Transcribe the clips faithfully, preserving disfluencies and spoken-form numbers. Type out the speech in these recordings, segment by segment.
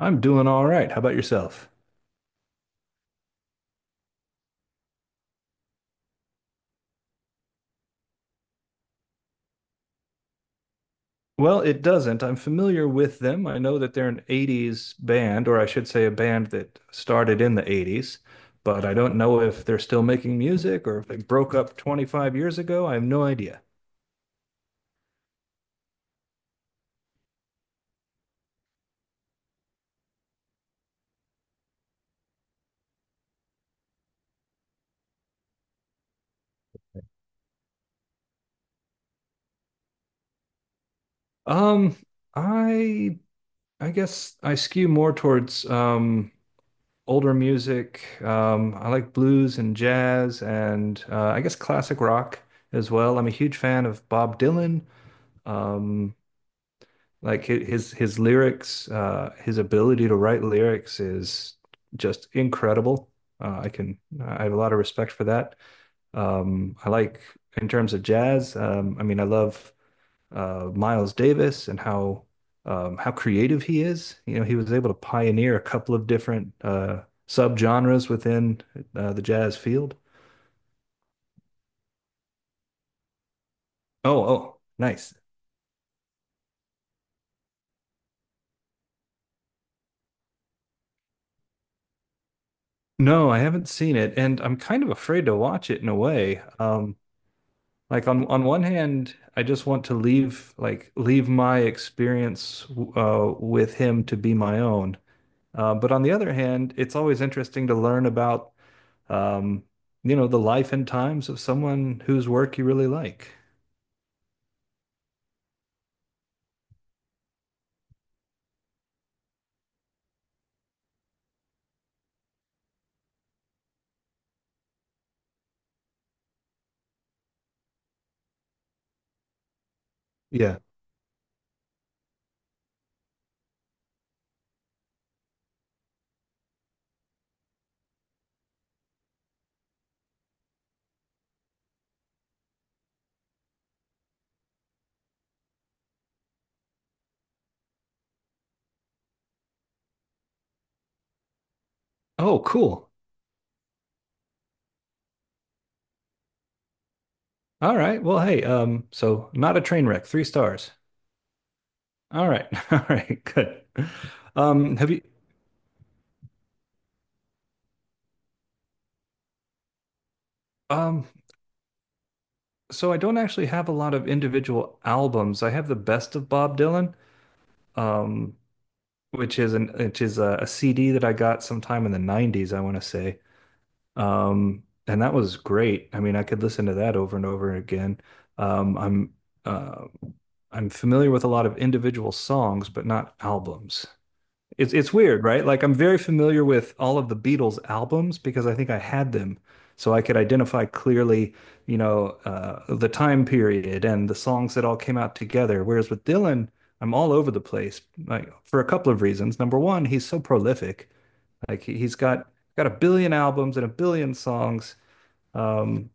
I'm doing all right. How about yourself? Well, it doesn't. I'm familiar with them. I know that they're an eighties band, or I should say a band that started in the eighties, but I don't know if they're still making music or if they broke up twenty-five years ago. I have no idea. Um, I I guess I skew more towards um older music. Um, I like blues and jazz and uh, I guess classic rock as well. I'm a huge fan of Bob Dylan. Um, like hi- his his lyrics, uh, his ability to write lyrics is just incredible. Uh, I can I have a lot of respect for that. Um, I like in terms of jazz. Um, I mean, I love uh, Miles Davis and how um, how creative he is. You know, he was able to pioneer a couple of different uh, subgenres within uh, the jazz field. Oh, oh, nice. No, I haven't seen it, and I'm kind of afraid to watch it in a way. Um, like on on one hand, I just want to leave like leave my experience uh, with him to be my own. Uh, but on the other hand, it's always interesting to learn about, um, you know, the life and times of someone whose work you really like. Yeah. Oh, cool. All right. Well, hey, um, so not a train wreck, three stars. All right. All right, good. Um, have you um so I don't actually have a lot of individual albums. I have the Best of Bob Dylan, um, which is an which is a, a C D that I got sometime in the nineties, I want to say. Um, and that was great. I mean, I could listen to that over and over again. Um, I'm uh, I'm familiar with a lot of individual songs, but not albums. It's it's weird, right? Like I'm very familiar with all of the Beatles albums because I think I had them, so I could identify clearly, you know, uh, the time period and the songs that all came out together. Whereas with Dylan, I'm all over the place, like for a couple of reasons. Number one, he's so prolific. Like he- has got got a billion albums and a billion songs. Um,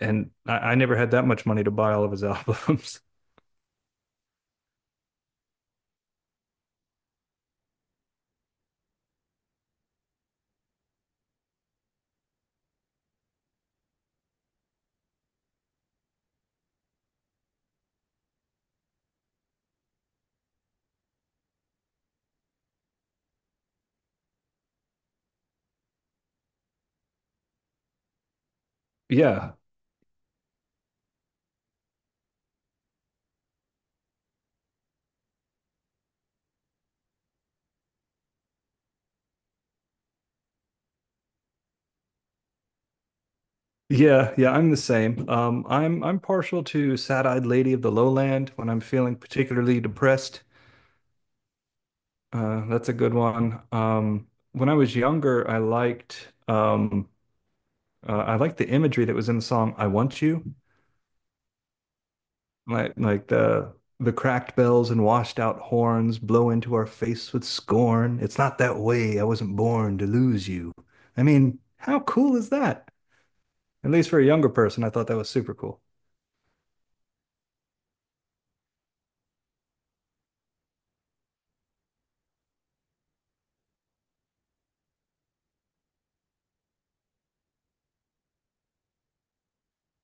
and I, I never had that much money to buy all of his albums. Yeah. Yeah, yeah, I'm the same. Um, I'm I'm partial to Sad-Eyed Lady of the Lowland when I'm feeling particularly depressed. Uh, that's a good one. Um, when I was younger, I liked um, uh, I liked the imagery that was in the song "I Want You." Like like the the cracked bells and washed out horns blow into our face with scorn. It's not that way. I wasn't born to lose you. I mean, how cool is that? At least for a younger person, I thought that was super cool.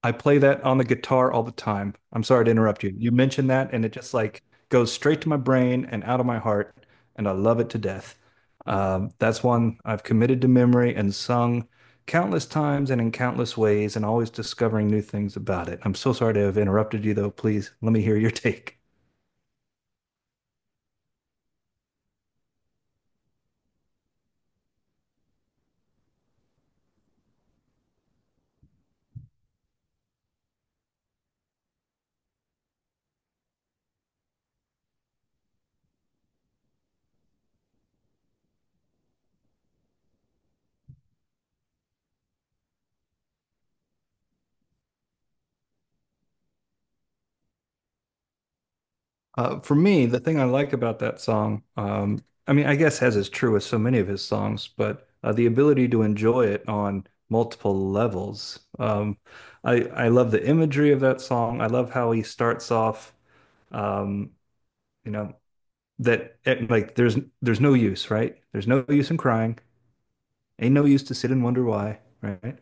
I play that on the guitar all the time. I'm sorry to interrupt you. You mentioned that, and it just like goes straight to my brain and out of my heart, and I love it to death. Um, that's one I've committed to memory and sung countless times and in countless ways, and always discovering new things about it. I'm so sorry to have interrupted you, though. Please let me hear your take. Uh, for me, the thing I like about that song, um, I mean, I guess as is true with so many of his songs, but uh, the ability to enjoy it on multiple levels. Um, I I love the imagery of that song. I love how he starts off, um, you know, that it, like there's there's no use, right? There's no use in crying. Ain't no use to sit and wonder why, right?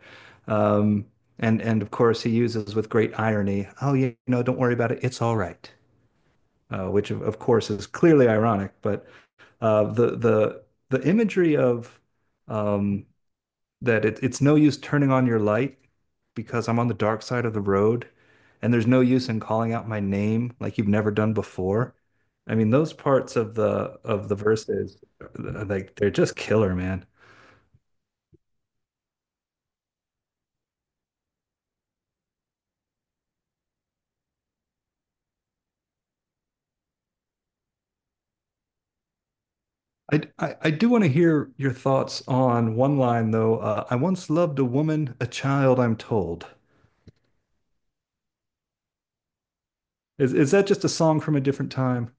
Um, and and of course he uses with great irony, oh, you know, don't worry about it. It's all right, uh, which of, of course is clearly ironic. But uh, the the the imagery of, um, that it, it's no use turning on your light because I'm on the dark side of the road, and there's no use in calling out my name like you've never done before. I mean, those parts of the of the verses, uh, like they're just killer, man. I, I, I do want to hear your thoughts on one line, though. Uh, I once loved a woman, a child, I'm told. Is, is that just a song from a different time?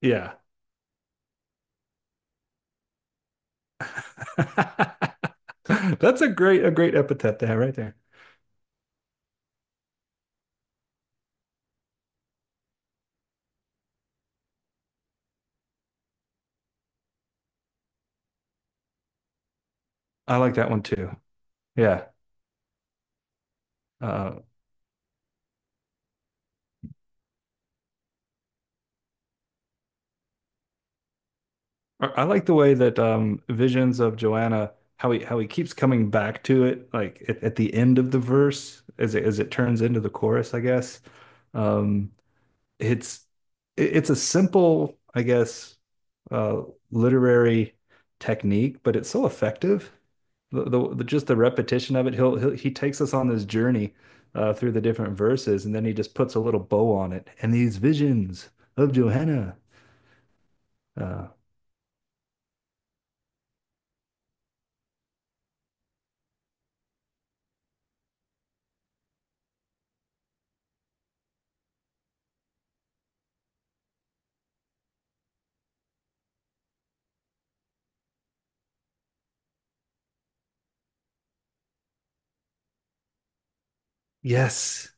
Yeah. That's a great a great epithet to have right there. I like that one too. Yeah. Uh, I like the way that um, visions of Joanna, how he how he keeps coming back to it like at, at the end of the verse as it as it turns into the chorus, I guess. Um, it's it's a simple, I guess, uh, literary technique, but it's so effective. The, the, the Just the repetition of it. He'll, he'll he takes us on this journey uh, through the different verses, and then he just puts a little bow on it. And these visions of Johanna. Uh, yes,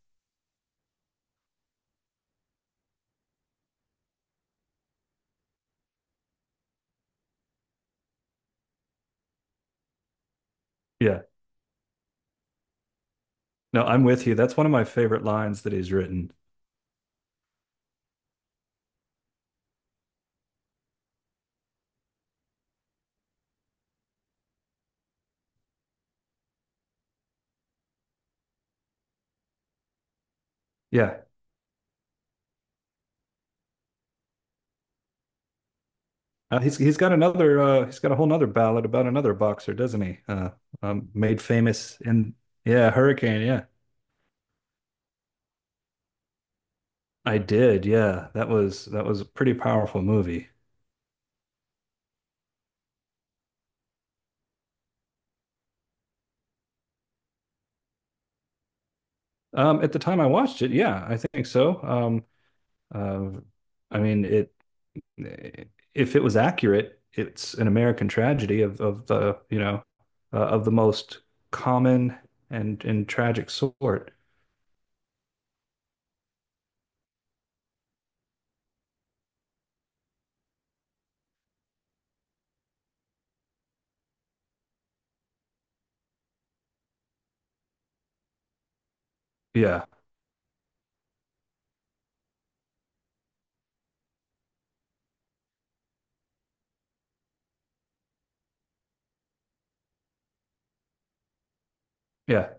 yeah. No, I'm with you. That's one of my favorite lines that he's written. Yeah. Uh, he's he's got another, uh, he's got a whole nother ballad about another boxer, doesn't he? Uh, um, made famous in, yeah, Hurricane. Yeah. I did, yeah. That was that was a pretty powerful movie. Um, at the time I watched it, yeah, I think so. Um, uh, I mean, it eh, if it was accurate, it's an American tragedy of of the you know, uh, of the most common and and tragic sort. Yeah, yeah.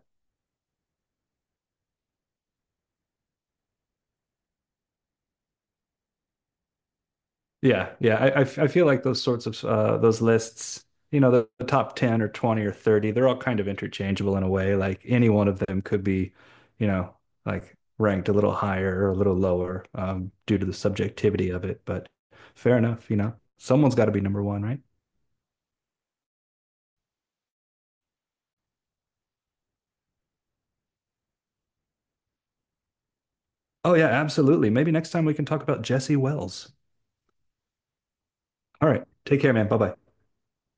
Yeah, yeah. I, I f- I feel like those sorts of, uh, those lists, you know, the, the top ten or twenty or thirty, they're all kind of interchangeable in a way. Like any one of them could be, you know, like ranked a little higher or a little lower, um, due to the subjectivity of it. But fair enough, you know, someone's got to be number one, right? Oh, yeah, absolutely. Maybe next time we can talk about Jesse Wells. All right. Take care, man. Bye bye.